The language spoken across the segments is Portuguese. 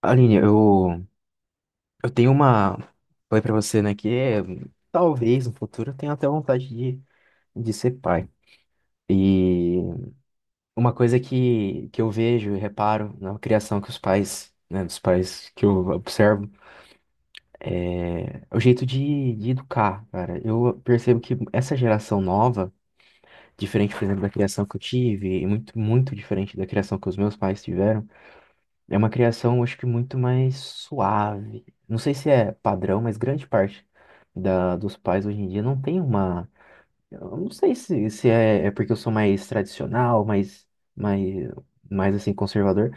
Aline, eu tenho uma. Falei pra você, né, talvez no futuro eu tenha até vontade de ser pai. E uma coisa que eu vejo e reparo na criação que os pais, né, dos pais que eu observo, é o jeito de educar, cara. Eu percebo que essa geração nova, diferente, por exemplo, da criação que eu tive, e muito, muito diferente da criação que os meus pais tiveram. É uma criação, acho que muito mais suave. Não sei se é padrão, mas grande parte dos pais hoje em dia não tem uma. Eu não sei se é, é porque eu sou mais tradicional, mais, mais assim, conservador,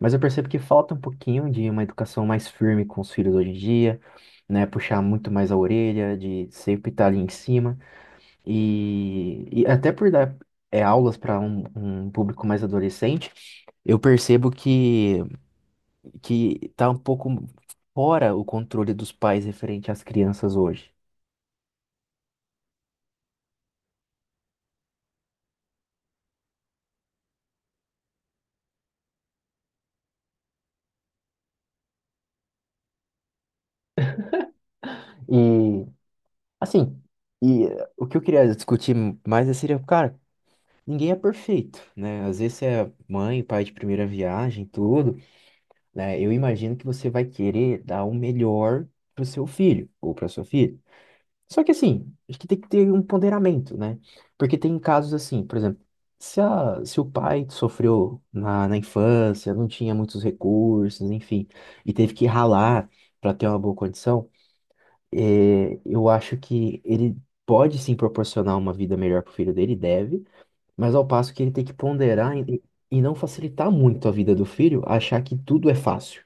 mas eu percebo que falta um pouquinho de uma educação mais firme com os filhos hoje em dia, né? Puxar muito mais a orelha, de sempre estar ali em cima. E até por dar aulas para um público mais adolescente, eu percebo que tá um pouco fora o controle dos pais referente às crianças hoje. E, assim, o que eu queria discutir mais seria, cara, ninguém é perfeito, né? Às vezes você é mãe, pai de primeira viagem, tudo, né? Eu imagino que você vai querer dar o melhor pro seu filho ou pra sua filha. Só que assim, acho que tem que ter um ponderamento, né? Porque tem casos assim, por exemplo, se o pai sofreu na infância, não tinha muitos recursos, enfim, e teve que ralar para ter uma boa condição, eu acho que ele pode sim proporcionar uma vida melhor pro filho dele, deve, mas ao passo que ele tem que ponderar e não facilitar muito a vida do filho, achar que tudo é fácil.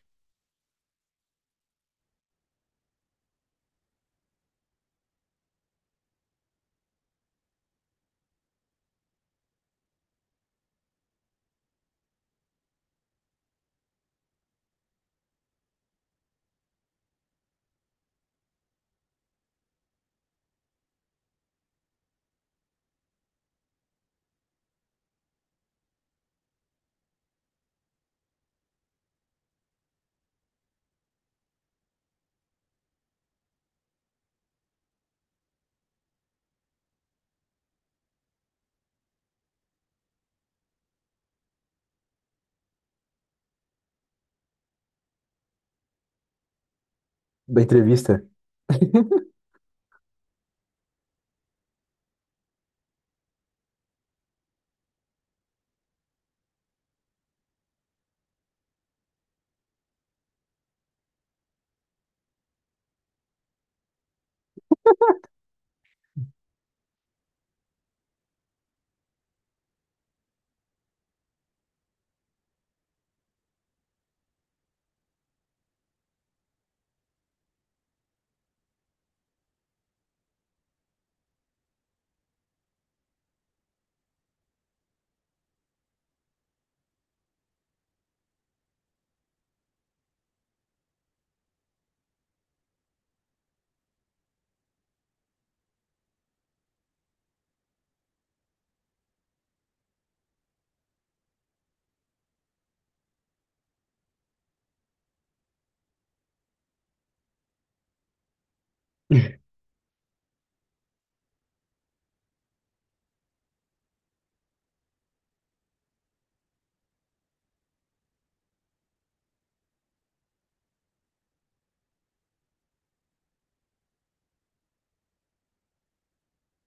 Da entrevista.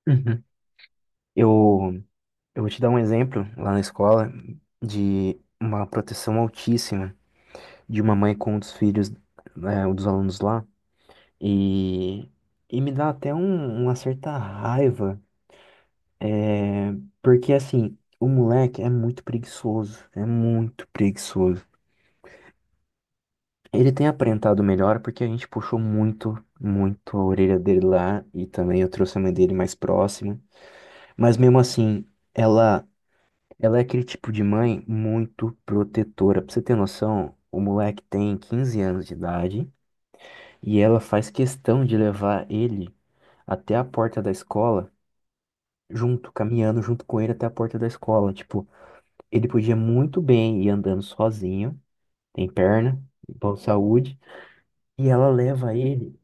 Uhum. Eu Eu vou te dar um exemplo lá na escola de uma proteção altíssima de uma mãe com um dos filhos, é, um dos alunos lá, e, e me dá até um- uma certa raiva, é, porque assim, o moleque é muito preguiçoso, é muito preguiçoso. Ele tem aparentado melhor porque a gente puxou muito, muito a orelha dele lá, e também eu trouxe a mãe dele mais próxima, mas mesmo assim, ela. Ela é aquele tipo de mãe muito protetora. Pra você ter noção, o moleque tem 15 anos de idade e ela faz questão de levar ele até a porta da escola, junto, caminhando junto com ele até a porta da escola. Tipo, ele podia muito bem ir andando sozinho, tem perna, boa saúde, e ela leva ele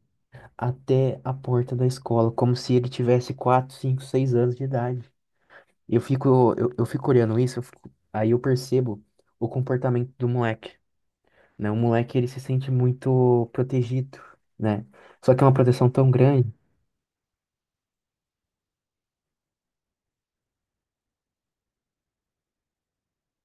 até a porta da escola, como se ele tivesse 4, 5, 6 anos de idade. Eu fico olhando isso, eu fico- aí eu percebo o comportamento do moleque. Né? O moleque, ele se sente muito protegido, né? Só que é uma proteção tão grande.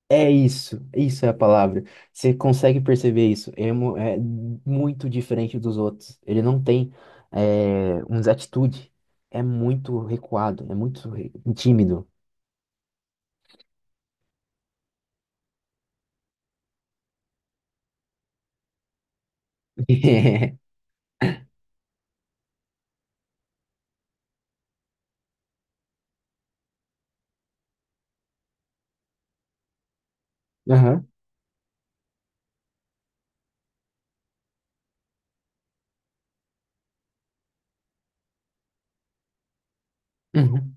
É isso, isso é a palavra. Você consegue perceber isso. É muito diferente dos outros. Ele não tem é, uma atitude. É muito recuado, é muito re- tímido. Aham, uhum.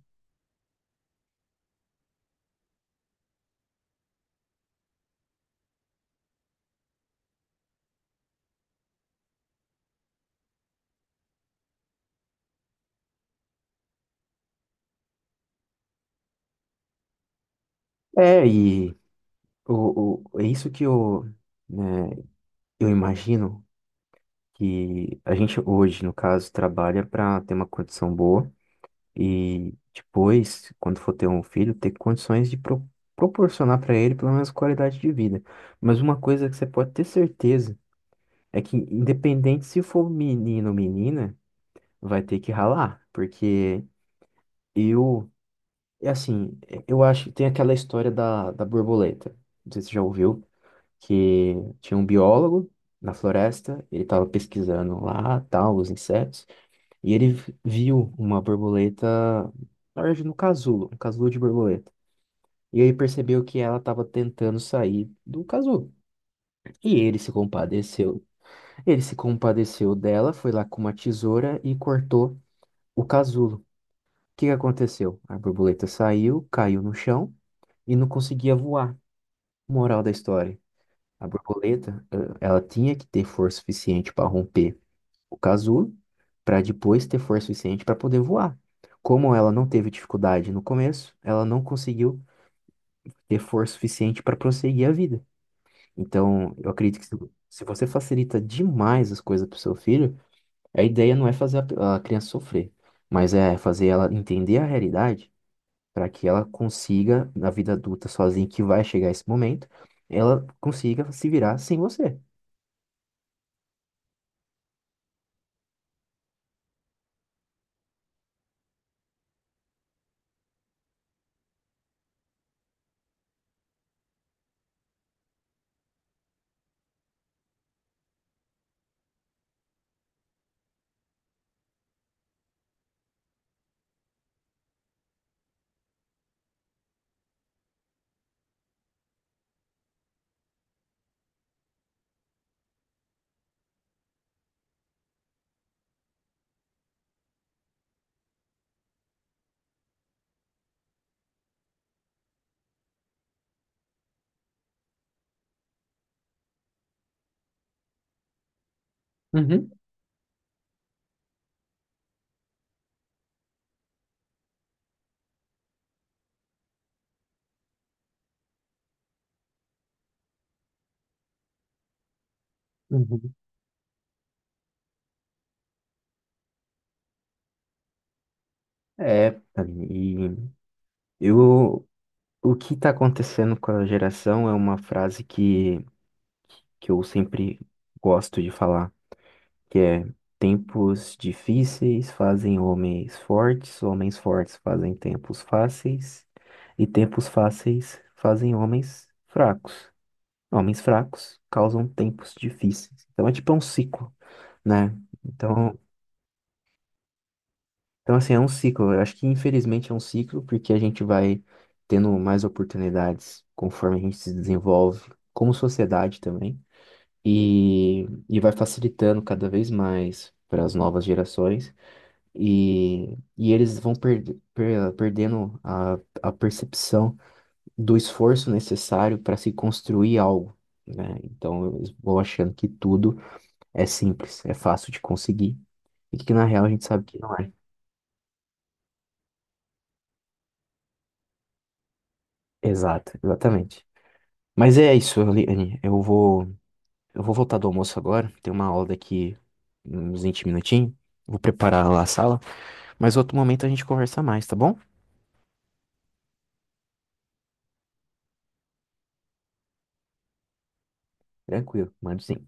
É, o, é isso que eu, né, eu imagino que a gente hoje, no caso, trabalha para ter uma condição boa. E depois, quando for ter um filho, ter condições de pro- proporcionar para ele pelo menos qualidade de vida. Mas uma coisa que você pode ter certeza é que, independente se for menino ou menina, vai ter que ralar. Porque eu, é assim, eu acho que tem aquela história da borboleta. Não sei se você já ouviu, que tinha um biólogo na floresta, ele estava pesquisando lá, tal, os insetos. E ele v- viu uma borboleta, na verdade, no casulo, um casulo de borboleta. E ele percebeu que ela estava tentando sair do casulo. E ele se compadeceu. Ele se compadeceu dela, foi lá com uma tesoura e cortou o casulo. O que que aconteceu? A borboleta saiu, caiu no chão e não conseguia voar. Moral da história: a borboleta, ela tinha que ter força suficiente para romper o casulo para depois ter força suficiente para poder voar. Como ela não teve dificuldade no começo, ela não conseguiu ter força suficiente para prosseguir a vida. Então, eu acredito que se você facilita demais as coisas para seu filho, a ideia não é fazer a pe- a criança sofrer, mas é fazer ela entender a realidade para que ela consiga, na vida adulta sozinha, que vai chegar esse momento, ela consiga se virar sem você. Uhum, uhum. É, Aline, e eu o que está acontecendo com a geração é uma frase que eu sempre gosto de falar, que é: tempos difíceis fazem homens fortes fazem tempos fáceis, e tempos fáceis fazem homens fracos. Homens fracos causam tempos difíceis. Então é tipo um ciclo, né? Então Então, assim, é um ciclo. Eu acho que, infelizmente, é um ciclo, porque a gente vai tendo mais oportunidades conforme a gente se desenvolve, como sociedade também, e, e vai facilitando cada vez mais para as novas gerações, e eles vão perde- per- perdendo a percepção do esforço necessário para se construir algo, né? Então, eu vou achando que tudo é simples, é fácil de conseguir, e que, na real, a gente sabe que não é. Exato, exatamente. Mas é isso, Eliane. Eu vou voltar do almoço agora. Tem uma aula daqui uns 20 minutinhos. Vou preparar lá a sala. Mas outro momento a gente conversa mais, tá bom? Tranquilo, mando sim.